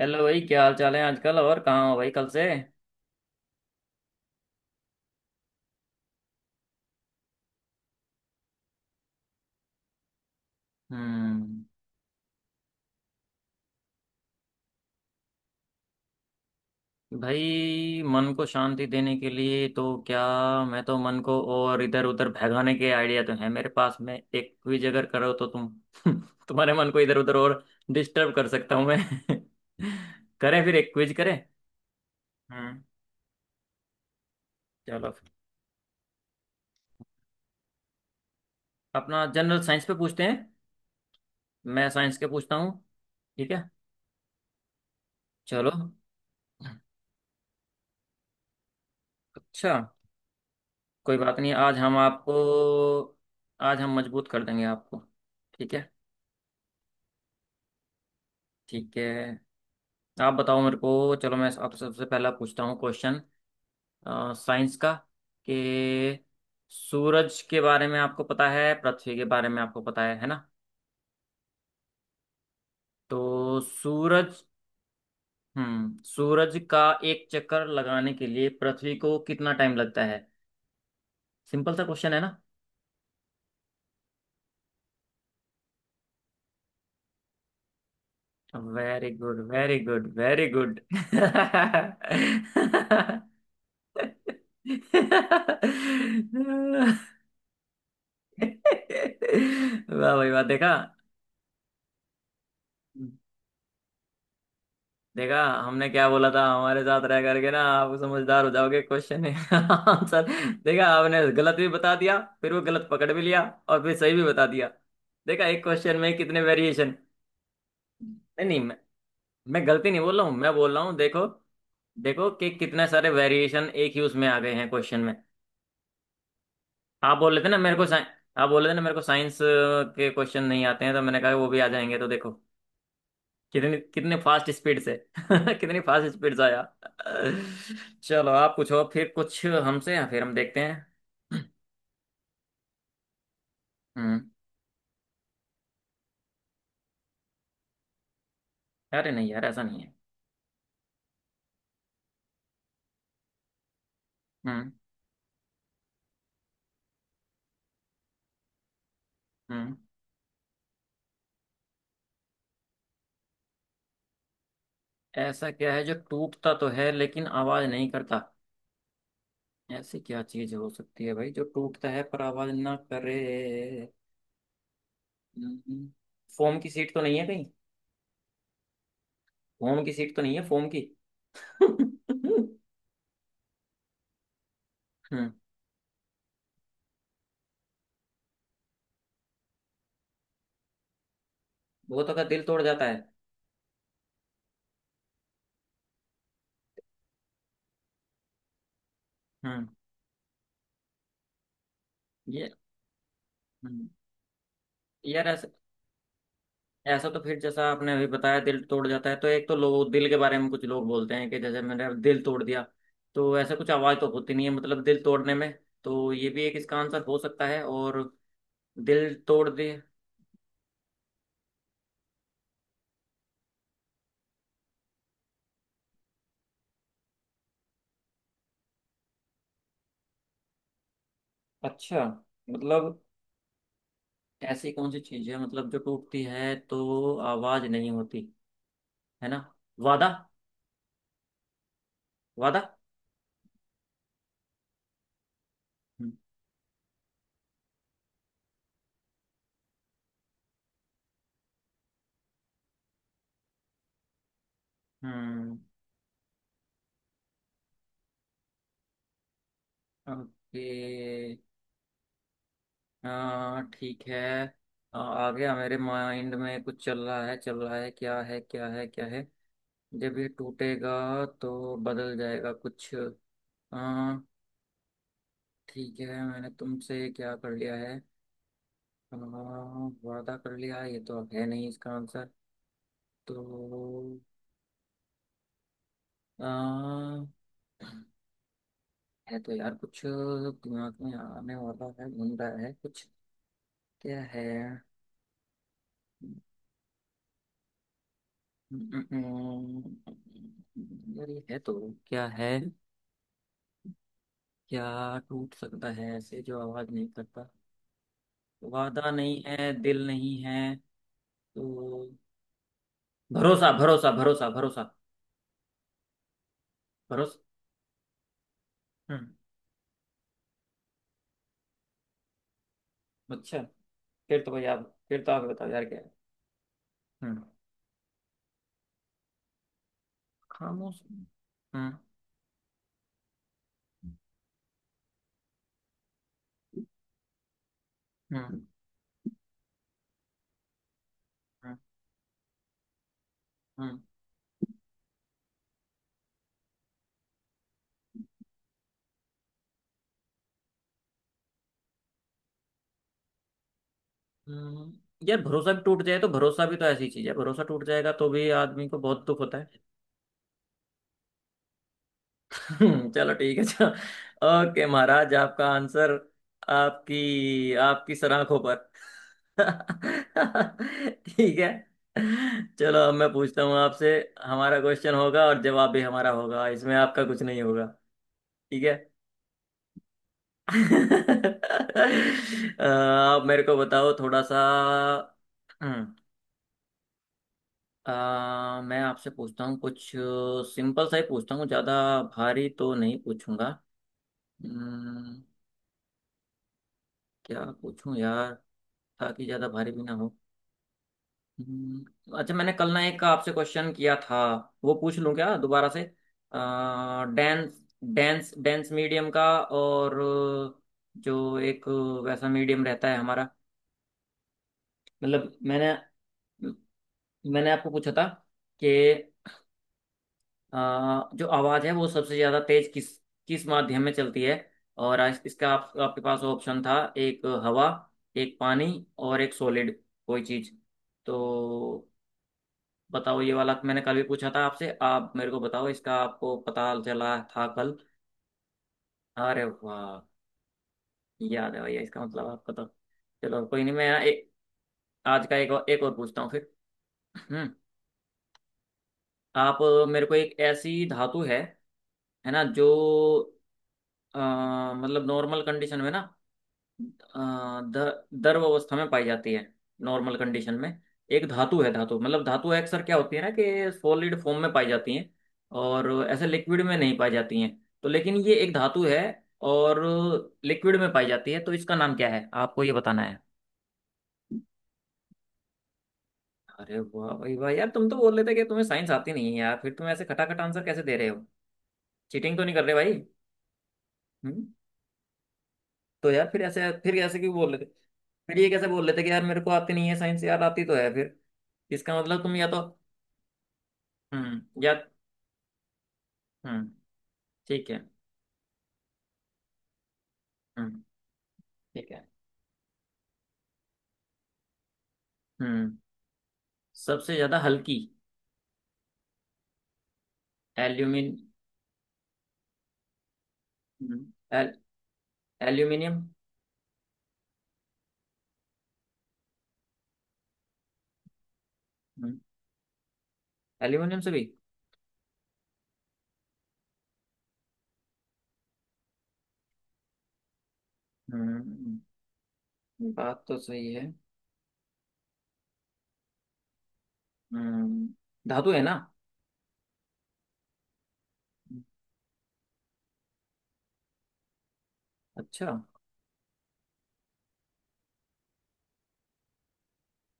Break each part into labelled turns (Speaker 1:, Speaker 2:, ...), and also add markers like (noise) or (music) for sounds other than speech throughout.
Speaker 1: Hello भाई, क्या हाल चाल है आजकल? और कहाँ हो भाई कल से? हम्म। भाई, मन को शांति देने के लिए तो क्या। मैं तो मन को और इधर उधर भगाने के आइडिया तो है मेरे पास। मैं एक भी जगह करो तो तुम (laughs) तुम्हारे मन को इधर उधर और डिस्टर्ब कर सकता हूँ मैं। (laughs) करें फिर एक क्विज करें। हम्म। चलो फिर। अपना जनरल साइंस पे पूछते हैं। मैं साइंस के पूछता हूँ। ठीक है। चलो। अच्छा, कोई बात नहीं। आज हम मजबूत कर देंगे आपको। ठीक है। ठीक है। आप बताओ मेरे को। चलो मैं आपसे सबसे पहला पूछता हूँ क्वेश्चन साइंस का कि सूरज के बारे में आपको पता है, पृथ्वी के बारे में आपको पता है ना? तो सूरज सूरज का एक चक्कर लगाने के लिए पृथ्वी को कितना टाइम लगता है? सिंपल सा क्वेश्चन है ना? Very good, very good, very good. (laughs) वाह भाई वाह। देखा, देखा हमने क्या बोला था, हमारे साथ रह करके ना आप समझदार हो जाओगे। क्वेश्चन है आंसर। देखा आपने, गलत भी बता दिया, फिर वो गलत पकड़ भी लिया। और फिर सही भी बता दिया। देखा एक क्वेश्चन में कितने वेरिएशन। नहीं नहीं, मैं गलती नहीं बोल रहा हूँ। मैं बोल रहा हूँ, देखो। देखो कि कितने सारे वेरिएशन एक ही उसमें आ गए हैं क्वेश्चन में। आप बोल रहे थे ना मेरे को साइ- आप बोल रहे थे ना मेरे को साइंस के क्वेश्चन नहीं आते हैं, तो मैंने कहा वो भी आ जाएंगे, तो देखो कितनी कितने फास्ट स्पीड से (laughs) कितनी फास्ट स्पीड से आया। चलो आप पूछो फिर कुछ हमसे, फिर हम देखते हैं। हम्म। अरे नहीं यार, ऐसा नहीं है। हम्म। हम्म। ऐसा क्या है जो टूटता तो है लेकिन आवाज नहीं करता? ऐसी क्या चीज हो सकती है भाई जो टूटता है पर आवाज ना करे? हम्म। हम्म। फोम की सीट तो नहीं है कहीं? फोम की सीट तो नहीं है फोम की। (laughs) हम्म। बहुतों का दिल तोड़ जाता है। हम्म ये हम्म, यार ऐसा, ऐसा तो फिर जैसा आपने अभी बताया दिल तोड़ जाता है, तो एक तो लोग दिल के बारे में, कुछ लोग बोलते हैं कि जैसे मैंने दिल तोड़ दिया। तो ऐसा कुछ आवाज़ तो होती नहीं है, मतलब दिल तोड़ने में। तो ये भी एक इसका आंसर हो सकता है, और दिल तोड़ दे। अच्छा, मतलब ऐसी कौन सी चीज़ है मतलब जो टूटती है तो आवाज़ नहीं होती, है ना? वादा, वादा। हम्म। हम्म। ओके। हाँ ठीक है। आ आ गया मेरे माइंड में, कुछ चल रहा है चल रहा है, क्या है क्या है क्या है? जब ये टूटेगा तो बदल जाएगा कुछ। हाँ ठीक है। मैंने तुमसे क्या कर लिया है? आ, वादा कर लिया, ये तो है नहीं इसका आंसर। तो आ, है तो यार कुछ दिमाग में आने वाला है, घूम रहा है कुछ। क्या है? हम्म, हम्म, हम्म, यार ये है तो। क्या है? क्या टूट सकता है ऐसे जो आवाज नहीं करता? वादा नहीं है, दिल नहीं है तो। भरोसा, भरोसा, भरोसा, भरोसा। भरोसा। हम्म। अच्छा। फिर तो भाई आप, फिर तो आप बताओ यार क्या है। हम्म। खामोश। हम्म। हम्म। हम्म। हम्म। हम्म। यार भरोसा भी टूट जाए तो, भरोसा भी तो ऐसी चीज है, भरोसा टूट जाएगा तो भी आदमी को बहुत दुख होता है। हम्म। चलो ठीक है, चलो। ओके महाराज, आपका आंसर आपकी आपकी सलाखों पर। ठीक है। चलो अब मैं पूछता हूँ आपसे। हमारा क्वेश्चन होगा और जवाब भी हमारा होगा, इसमें आपका कुछ नहीं होगा। ठीक है। अ, आप मेरे को बताओ थोड़ा सा। हम्म, मैं आपसे पूछता हूँ कुछ, सिंपल सा ही पूछता हूँ, ज्यादा भारी तो नहीं पूछूंगा। हम्म, क्या पूछूं यार, ताकि ज्यादा भारी भी ना हो। अच्छा मैंने कल ना एक का आपसे क्वेश्चन किया था, वो पूछ लूं क्या दोबारा से? डांस डांस डांस मीडियम का और जो एक वैसा मीडियम रहता है हमारा, मतलब मैंने मैंने आपको पूछा था कि जो आवाज है वो सबसे ज्यादा तेज किस किस माध्यम में चलती है, और आज इसका आपके पास ऑप्शन था एक हवा, एक पानी, और एक सॉलिड कोई चीज। तो बताओ, ये वाला मैंने कल भी पूछा था आपसे, आप मेरे को बताओ इसका आपको पता चला था कल? अरे वाह। याद है भैया, इसका मतलब आपको तो। चलो कोई नहीं, आज का एक और पूछता हूँ फिर। हम्म। आप मेरे को, एक ऐसी धातु है ना जो, अ, मतलब नॉर्मल कंडीशन में ना, दर द्रव अवस्था में पाई जाती है। नॉर्मल कंडीशन में एक धातु है, धातु मतलब धातु अक्सर क्या होती है ना, कि सॉलिड फॉर्म में पाई जाती हैं और ऐसे लिक्विड में नहीं पाई जाती हैं। तो लेकिन ये एक धातु है, और लिक्विड में पाई जाती है, तो इसका नाम क्या है आपको ये बताना है। अरे वाह भाई वाह, यार तुम तो बोल रहे थे कि तुम्हें साइंस आती नहीं है, यार फिर तुम ऐसे खटाखट आंसर कैसे दे रहे हो? चीटिंग तो नहीं कर रहे भाई? हम्म। तो यार फिर ऐसे क्यों बोल रहे थे? फिर ये कैसे बोल लेते कि यार मेरे को आती नहीं है साइंस, यार आती तो है फिर। इसका मतलब तुम या तो या। हम्म। ठीक है। हम्म। ठीक है। हम्म। सबसे ज्यादा हल्की। एल्यूमिन हम्म, एल, एल्यूमिनियम। हम्म, एल्यूमिनियम से भी। हम्म। बात तो सही है। हम्म। धातु है ना। अच्छा।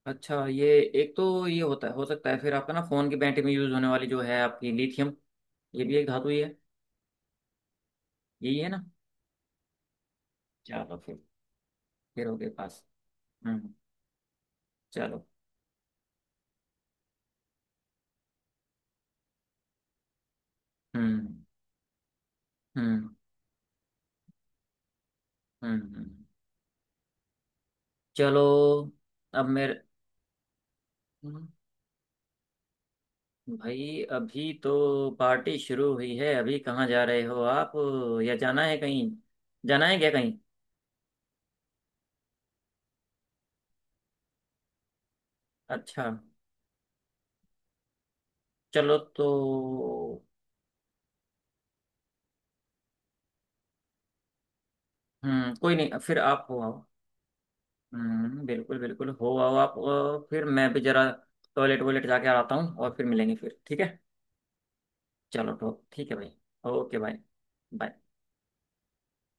Speaker 1: अच्छा ये एक तो ये होता है, हो सकता है फिर आपका ना फोन की बैटरी में यूज होने वाली जो है आपकी, लिथियम। ये भी एक धातु ही है, यही है ना? चलो फिर। फिर हो गए पास। हम्म। चलो। हम्म। हम्म। हम्म। हम्म। चलो अब मेरे भाई, अभी तो पार्टी शुरू हुई है, अभी कहाँ जा रहे हो आप? या जाना है कहीं, जाना है क्या कहीं? अच्छा। चलो तो। कोई नहीं फिर, आप हो आओ। बिल्कुल बिल्कुल, हो आओ आप। फिर मैं भी जरा टॉयलेट वॉयलेट जाके आता हूँ, और फिर मिलेंगे फिर, ठीक है। चलो तो ठीक है भाई। ओके भाई। बाय।